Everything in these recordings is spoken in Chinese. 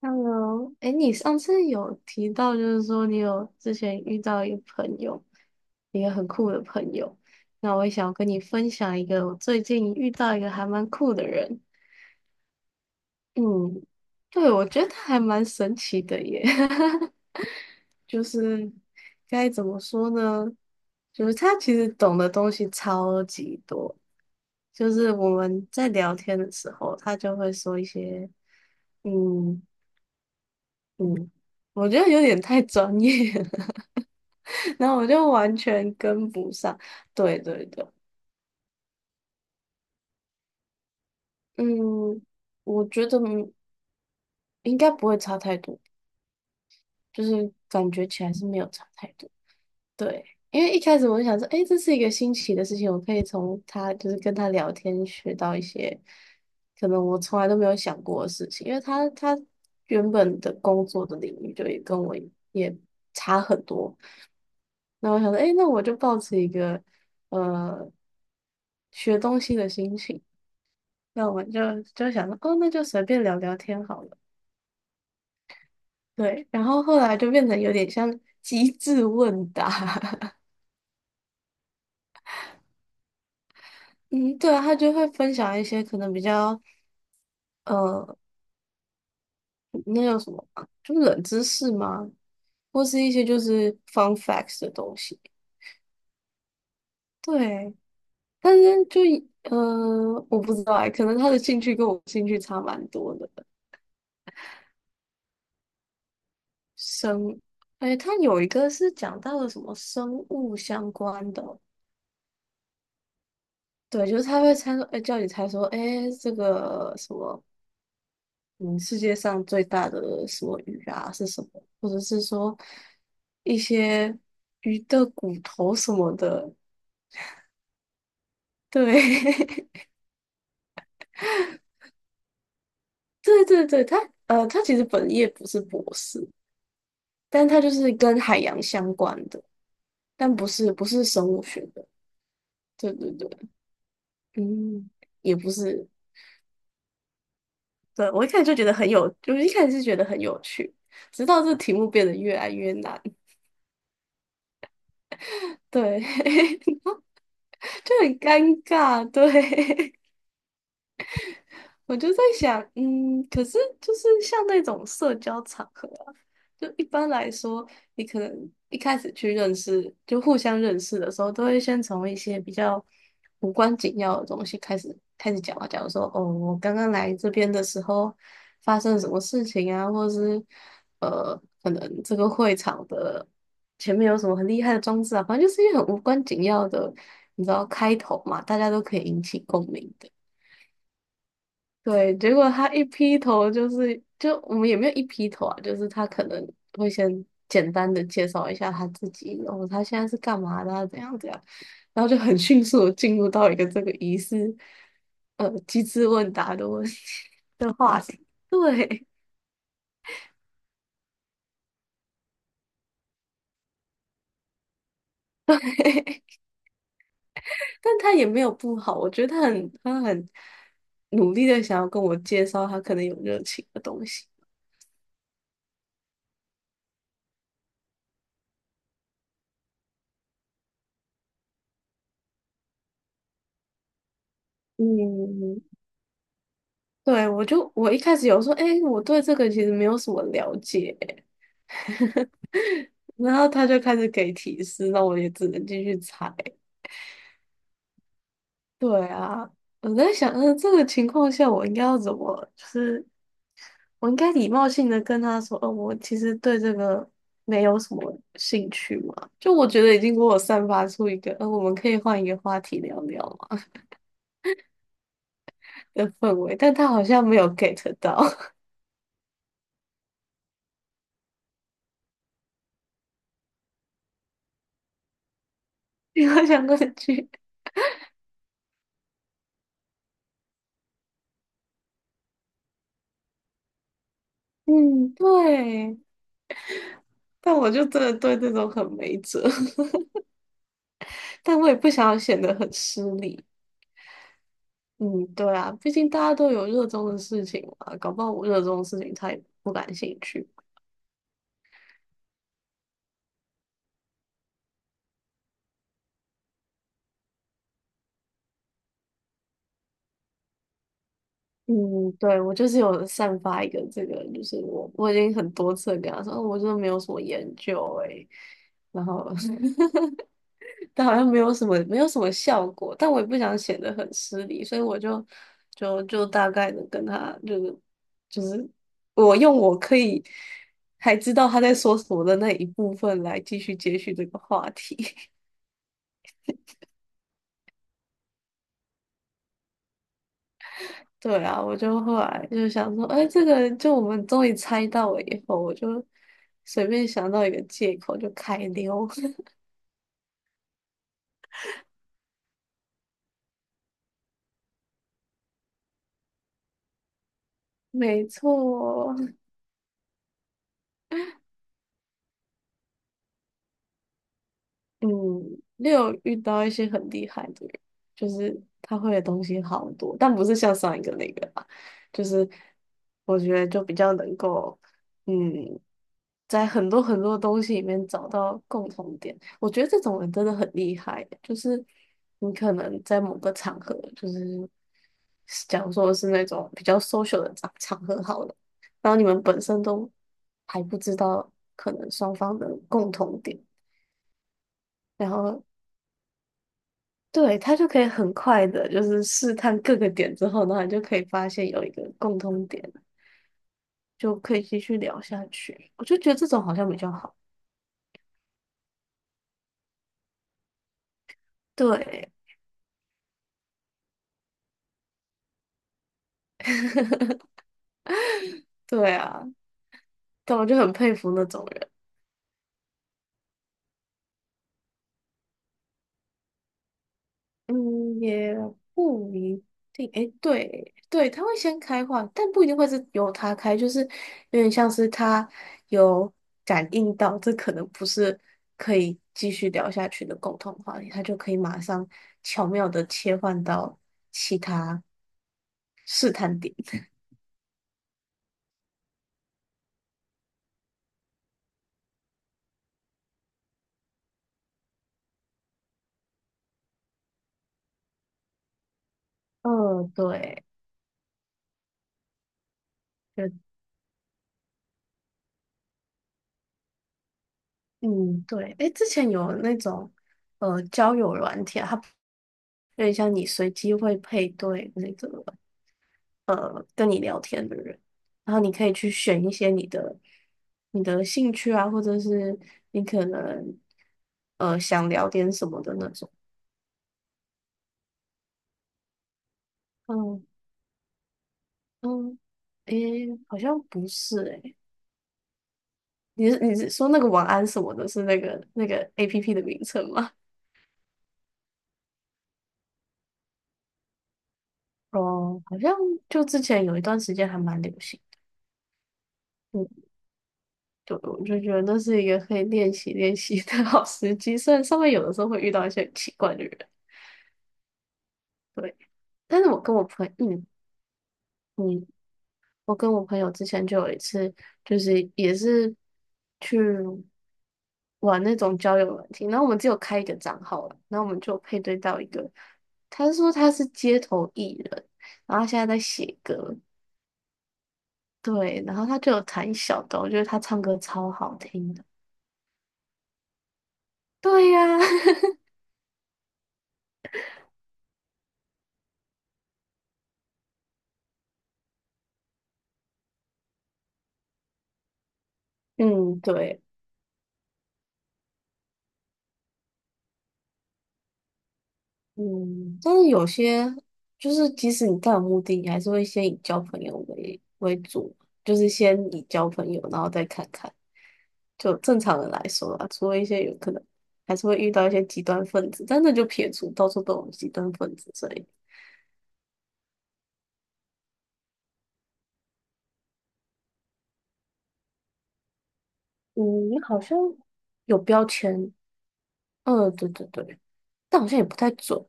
Hello,哎，你上次有提到，就是说你有之前遇到一个朋友，一个很酷的朋友。那我也想要跟你分享一个我最近遇到一个还蛮酷的人。嗯，对，我觉得他还蛮神奇的耶。就是该怎么说呢？就是他其实懂的东西超级多。就是我们在聊天的时候，他就会说一些。嗯。嗯，我觉得有点太专业了。然后我就完全跟不上。对对对，嗯，我觉得应该不会差太多，就是感觉起来是没有差太多。对，因为一开始我就想说，诶，这是一个新奇的事情，我可以从他就是跟他聊天学到一些可能我从来都没有想过的事情，因为他原本的工作的领域就也跟我也差很多。然后我想说，哎，那我就抱持一个呃学东西的心情，那我们就想说，哦，那就随便聊聊天好了。对，然后后来就变得有点像机智问答。嗯，对啊，他就会分享一些可能比较呃，那叫什么啊就是冷知识吗？或是一些就是 fun facts 的东西。对，但是就呃，我不知道哎，可能他的兴趣跟我兴趣差蛮多的。生，哎，它有一个是讲到了什么生物相关的哦。对，就是他会猜说，哎，叫你猜说，哎，这个什么，嗯，世界上最大的什么鱼啊是什么，或者是说一些鱼的骨头什么的，对。对对对，他其实本业不是博士，但他就是跟海洋相关的，但不是生物学的，对对对，嗯，也不是。对，我一开始就觉得很有，就是一开始是觉得很有趣，直到这题目变得越来越难，对。就很尴尬，对。我就在想，嗯，可是就是像那种社交场合啊，就一般来说，你可能一开始去认识，就互相认识的时候，都会先从一些比较无关紧要的东西开始讲啊。假如说，哦，我刚刚来这边的时候发生了什么事情啊，或者是呃，可能这个会场的前面有什么很厉害的装置啊，反正就是一些很无关紧要的，你知道开头嘛，大家都可以引起共鸣的。对，结果他一劈头就是，就我们也没有一劈头啊，就是他可能会先简单的介绍一下他自己，然后他现在是干嘛的啊怎样怎样，然后就很迅速的进入到一个这个疑似机智问答的问题 的话题。对。但他也没有不好，我觉得他很努力的想要跟我介绍他可能有热情的东西。嗯，对，我一开始有说，哎、我对这个其实没有什么了解，然后他就开始给提示，那我也只能继续猜。对啊，我在想，嗯，这个情况下我应该要怎么，就是我应该礼貌性的跟他说，哦，我其实对这个没有什么兴趣嘛。就我觉得已经给我散发出一个，我们可以换一个话题聊聊嘛的氛围，但他好像没有 get 到。你我想过去。 嗯，对，但我就真的对这种很没辙。但我也不想要显得很失礼。嗯，对啊，毕竟大家都有热衷的事情嘛，搞不好我热衷的事情他也不感兴趣。嗯，对，我就是有散发一个这个，就是我已经很多次地跟他说，哦，我真的没有什么研究诶、然后 但好像没有什么效果，但我也不想显得很失礼，所以我就大概的跟他就是我用我可以还知道他在说什么的那一部分来继续接续这个话题。对啊，我就后来就想说，哎，这个就我们终于猜到了以后，我就随便想到一个借口就开溜。没错，嗯，也有遇到一些很厉害的人，就是他会的东西好多，但不是像上一个那个吧，就是我觉得就比较能够，嗯。在很多很多东西里面找到共同点。我觉得这种人真的很厉害欸，就是你可能在某个场合，就是假如说是那种比较 social 的场合好了，然后你们本身都还不知道可能双方的共同点，然后对他就可以很快的，就是试探各个点之后，然后你就可以发现有一个共同点，就可以继续聊下去。我就觉得这种好像比较好。对。对啊。但我就很佩服那种人。嗯，也不一定。诶，对对，他会先开话，但不一定会是由他开，就是有点像是他有感应到这可能不是可以继续聊下去的共同话题，他就可以马上巧妙的切换到其他试探点。嗯，对，就嗯，对，诶，之前有那种交友软体啊，它有点像你随机会配对那种。跟你聊天的人，然后你可以去选一些你的兴趣啊，或者是你可能想聊点什么的那种。嗯嗯，诶，好像不是诶，你是说那个晚安什么的，是那个 APP 的名称吗？哦，好像就之前有一段时间还蛮流行。嗯，对，我就觉得那是一个可以练习的好时机，虽然上面有的时候会遇到一些很奇怪的人，对。但是我跟我朋友，嗯，我跟我朋友之前就有一次，就是也是去玩那种交友软件，然后我们只有开一个账号了，然后我们就配对到一个，他说他是街头艺人，然后他现在在写歌，对，然后他就有弹小的，我觉得他唱歌超好听的，对呀、嗯，对。嗯，但是有些就是即使你到有目的地，你还是会先以交朋友为主，就是先以交朋友，然后再看看。就正常人来说啊，除了一些有可能还是会遇到一些极端分子，但那就撇除，到处都有极端分子，所以嗯，好像有标签。嗯，对对对，但好像也不太准，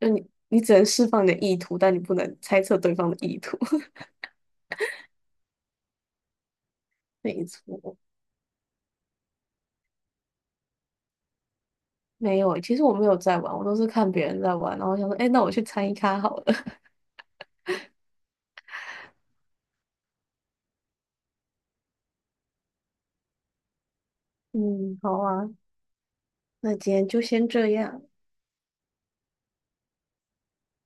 就你只能释放你的意图，但你不能猜测对方的意图。没错，没有欸其实我没有在玩，我都是看别人在玩，然后想说，哎，那我去参一咖好了。嗯，好啊，那今天就先这样。